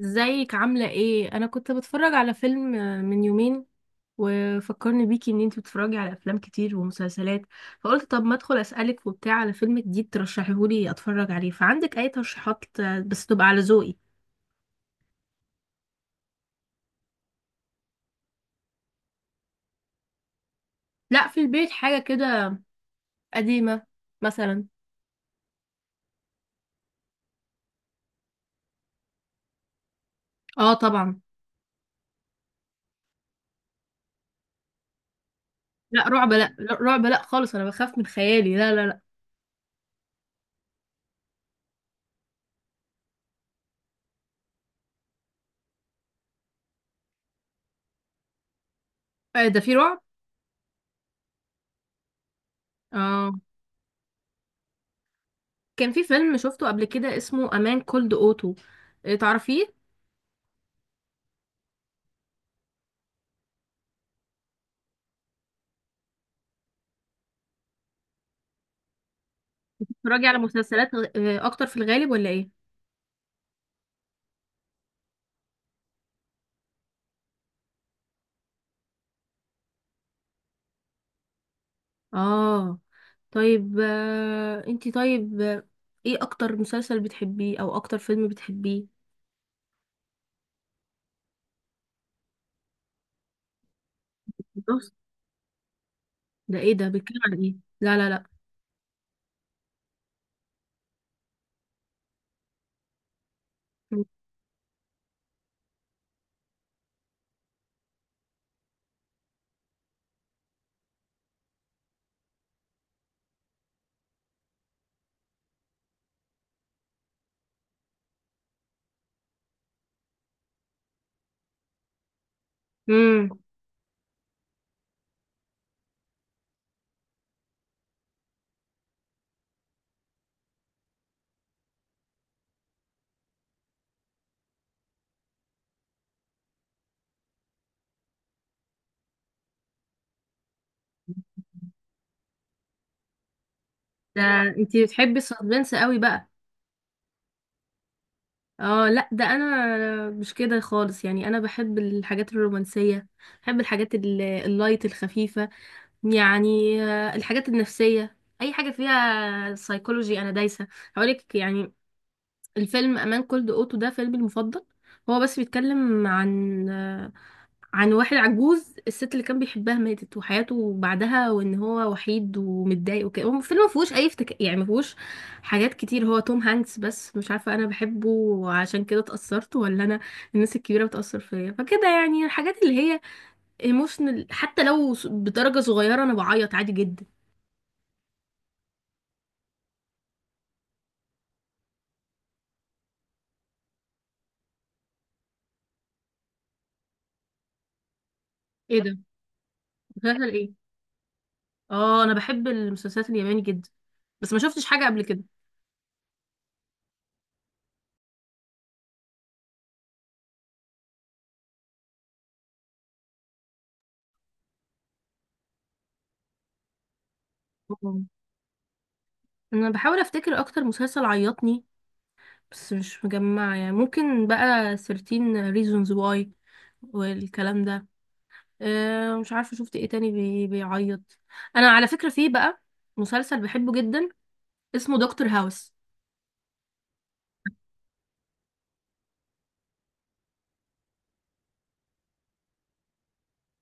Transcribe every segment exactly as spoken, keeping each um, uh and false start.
ازيك عاملة ايه؟ انا كنت بتفرج على فيلم آه، من يومين وفكرني بيكي ان انتي بتتفرجي على افلام كتير ومسلسلات. فقلت طب ما ادخل اسألك وبتاع على فيلم جديد ترشحيهولي اتفرج عليه، فعندك اي ترشيحات آه، بس تبقى على ذوقي؟ لا، في البيت حاجة كده قديمة مثلا. اه طبعا. لا رعب، لا لا، رعب لا خالص، انا بخاف من خيالي، لا لا لا. آه، ده في رعب؟ اه. كان في فيلم شفته قبل كده اسمه امان كولد اوتو، تعرفيه؟ بتتفرجي على مسلسلات غ- آه، اكتر في الغالب ولا ايه؟ اه. طيب، آه، انتي طيب آه، ايه اكتر مسلسل بتحبيه او اكتر فيلم بتحبيه؟ بص. ده ايه؟ ده بيتكلم عن ايه؟ لا لا لا. امم ده انتي بتحبي السسبنس قوي بقى؟ اه لا، ده انا مش كده خالص يعني، انا بحب الحاجات الرومانسية، بحب الحاجات ال- اللايت الخفيفة يعني، آه، الحاجات النفسية، اي حاجة فيها سايكولوجي انا دايسة. هقولك يعني، الفيلم امان كولد اوتو ده فيلمي المفضل. هو بس بيتكلم عن عن واحد عجوز، الست اللي كان بيحبها ماتت وحياته بعدها وان هو وحيد ومتضايق وكده. هو الفيلم ما فيهوش اي افتك... يعني ما فيهوش حاجات كتير، هو توم هانكس بس، مش عارفه انا بحبه وعشان كده اتاثرت ولا انا الناس الكبيره بتاثر فيا، فكده يعني الحاجات اللي هي ايموشنال حتى لو س- بدرجه صغيره، انا بعيط عادي جدا. ايه ده؟ مسلسل ايه؟ اه، انا بحب المسلسلات الياباني جدا، بس ما شفتش حاجه قبل كده. انا بحاول افتكر اكتر مسلسل عيطني بس مش مجمعه يعني، ممكن بقى تلتاشر reasons why والكلام ده. أه مش عارفه شفت ايه تاني بي بيعيط. انا على فكره في بقى مسلسل بحبه جدا اسمه دكتور هاوس.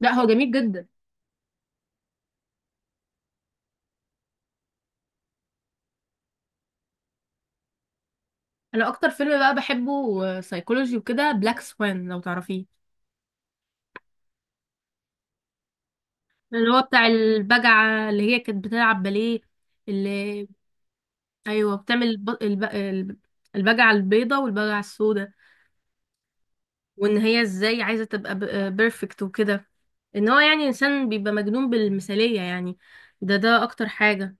لا هو جميل جدا. انا اكتر فيلم بقى بحبه سايكولوجي وكده بلاك سوان لو تعرفيه. اللي هو بتاع البجعه اللي هي كانت بتلعب باليه اللي. ايوه، بتعمل الب... الب... الب- البجعه البيضه والبجعه السوداء، وان هي ازاي عايزه تبقى بيرفكت وكده، ان هو يعني انسان بيبقى مجنون بالمثاليه يعني. ده ده اكتر حاجه.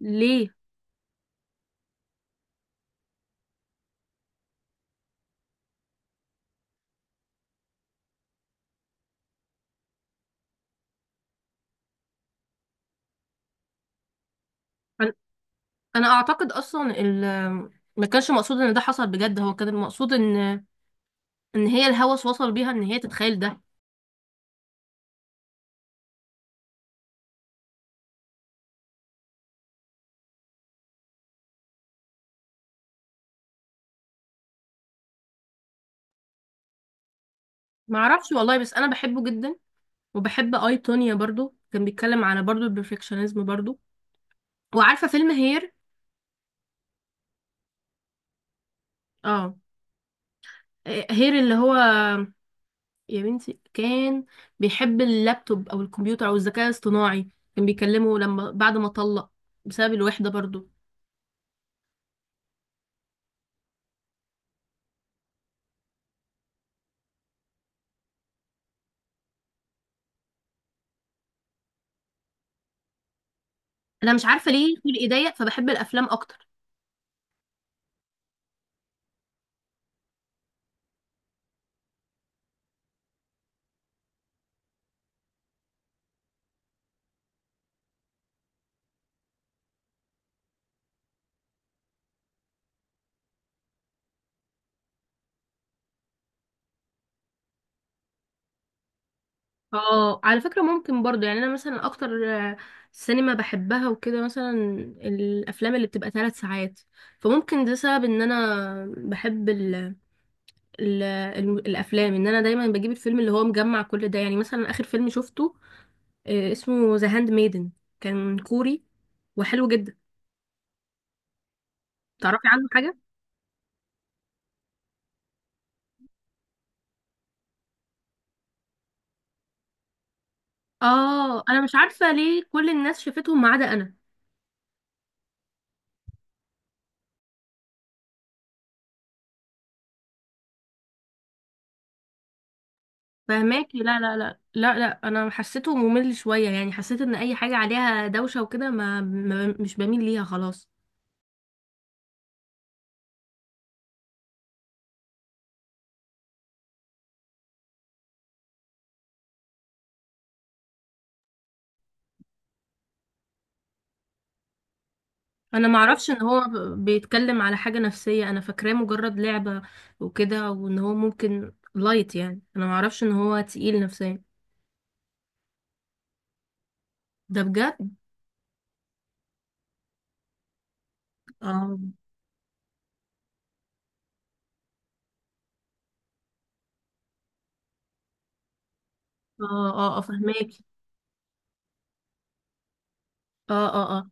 وليه؟ انا أنا اعتقد اصلا ال ما كانش مقصود ان ده حصل بجد، هو كان المقصود ان ان هي الهوس وصل بيها ان هي تتخيل ده. ما اعرفش والله، بس انا بحبه جدا. وبحب اي تونيا برضو، كان بيتكلم على برضو البرفكشنزم برضو. وعارفه فيلم هير؟ اه. آه، هير اللي هو، يا بنتي كان بيحب اللابتوب او الكمبيوتر او الذكاء الاصطناعي، كان بيكلمه لما بعد ما طلق بسبب الوحده برضو. انا مش عارفه ليه في ايديا فبحب الافلام اكتر. اه، على فكره ممكن برضو يعني انا مثلا اكتر آه، سينما بحبها وكده مثلا الافلام اللي بتبقى ثلاث ساعات، فممكن ده سبب ان انا بحب ال ال ال الافلام، ان انا دايما بجيب الفيلم اللي هو مجمع كل ده يعني. مثلا اخر فيلم شفته آه، اسمه ذا هاند ميدن، كان كوري وحلو جدا. تعرفي عنه حاجة؟ اه، انا مش عارفة ليه كل الناس شافتهم ما عدا انا. فهماكي؟ لا لا لا لا لا، انا حسيته ممل شوية يعني، حسيت ان اي حاجة عليها دوشة وكده، ما, ما مش بميل ليها خلاص. انا ما اعرفش ان هو ب- بيتكلم على حاجة نفسية، انا فاكراه مجرد لعبة وكده، وان هو ممكن لايت يعني، انا ما اعرفش ان هو تقيل نفسيا. ده بجد. اه اه، اه، آه، فهماكي. اه، اه، آه.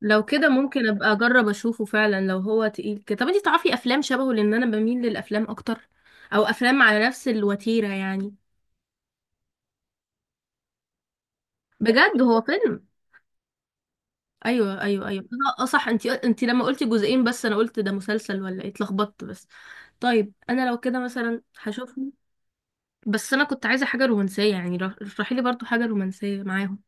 لو كده ممكن ابقى اجرب اشوفه فعلا لو هو تقيل كده. طب انتي تعرفي افلام شبهه لان انا بميل للافلام اكتر، او افلام على نفس الوتيرة يعني؟ بجد هو فيلم. ايوه ايوه ايوه، لا اه صح، انتي انتي لما قلتي جزئين بس انا قلت ده مسلسل ولا ايه، اتلخبطت بس. طيب انا لو كده مثلا هشوفه، بس انا كنت عايزة حاجة رومانسية يعني، رح- اشرحي لي برضو حاجة رومانسية معاهم.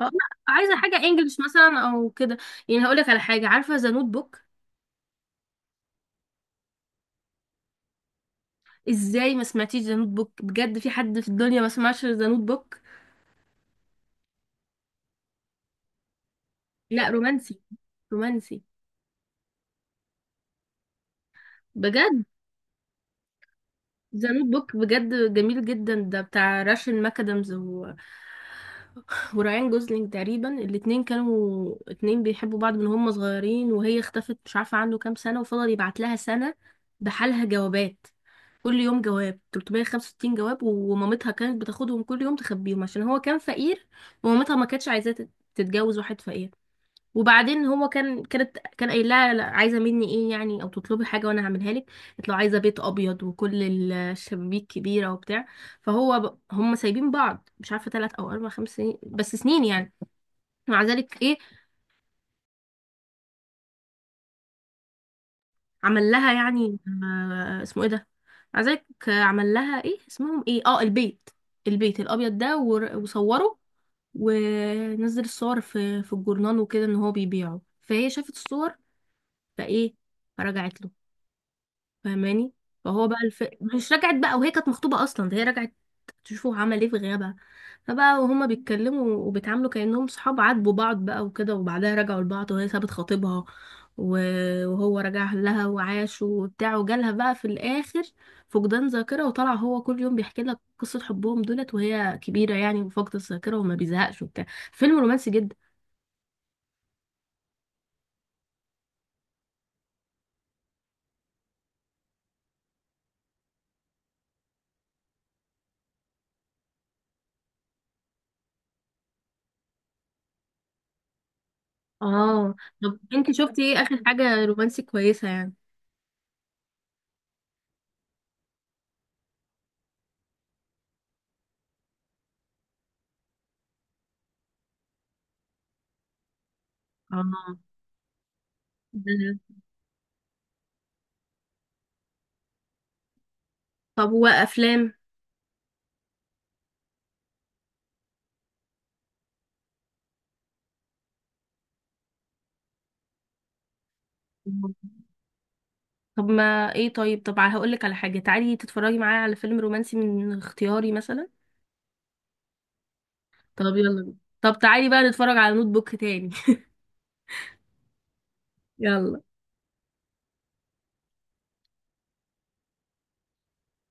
اه، لا. عايزة حاجة انجلش مثلا او كده يعني، هقولك على حاجة، عارفة ذا نوت بوك؟ ازاي ما سمعتيش ذا نوت بوك؟ بجد في حد في الدنيا ما سمعش ذا نوت بوك؟ لا رومانسي، رومانسي. بجد ذا نوت بوك بجد جميل جدا. ده بتاع راشن ماكادامز و... وراين جوزلينج تقريبا، الاتنين كانوا اتنين بيحبوا بعض من هم صغيرين، وهي اختفت مش عارفة عنه كام سنة، وفضل يبعت لها سنة بحالها جوابات كل يوم جواب، تلتمية وخمسة وستين جواب، ومامتها كانت بتاخدهم كل يوم تخبيهم عشان هو كان فقير ومامتها ما كانتش عايزاه تت- تتجوز واحد فقير. وبعدين هو كان كانت كان قايل لها، لا، عايزه مني ايه يعني او تطلبي حاجه وانا هعملها لك. قالت له عايزه بيت ابيض وكل الشبابيك كبيره وبتاع. فهو ب... هم سايبين بعض مش عارفه ثلاث او اربع خمس سنين بس سنين يعني، مع ذلك ايه عمل لها يعني آه اسمه ايه ده. مع ذلك آه، عمل لها ايه اسمهم ايه، اه البيت البيت الابيض ده، ور- وصوره ونزل الصور في في الجورنال وكده ان هو بيبيعه، فهي شافت الصور فايه فرجعت له، فاهماني؟ فهو بقى الف... مش رجعت بقى، وهي كانت مخطوبة اصلا ده، هي رجعت تشوفوا عمل ايه في غيابها. فبقى وهما بيتكلموا وبيتعاملوا كأنهم صحاب عاتبوا بعض بقى وكده، وبعدها رجعوا لبعض وهي سابت خطيبها، و- وهو رجع لها وعاشوا وبتاع، وجالها بقى في الآخر فقدان ذاكرة، وطلع هو كل يوم بيحكي لك قصة حبهم دولت وهي كبيرة يعني وفاقدة الذاكرة وما بيزهقش وبتاع. فيلم رومانسي جدا. اه. طب انت شفتي ايه آخر حاجة رومانسي كويسة يعني؟ اه. طب وافلام؟ طب ما ايه طيب طب هقول لك على حاجه، تعالي تتفرجي معايا على فيلم رومانسي من اختياري مثلا. طب يلا بينا. طب تعالي بقى نتفرج على نوت بوك تاني. يلا.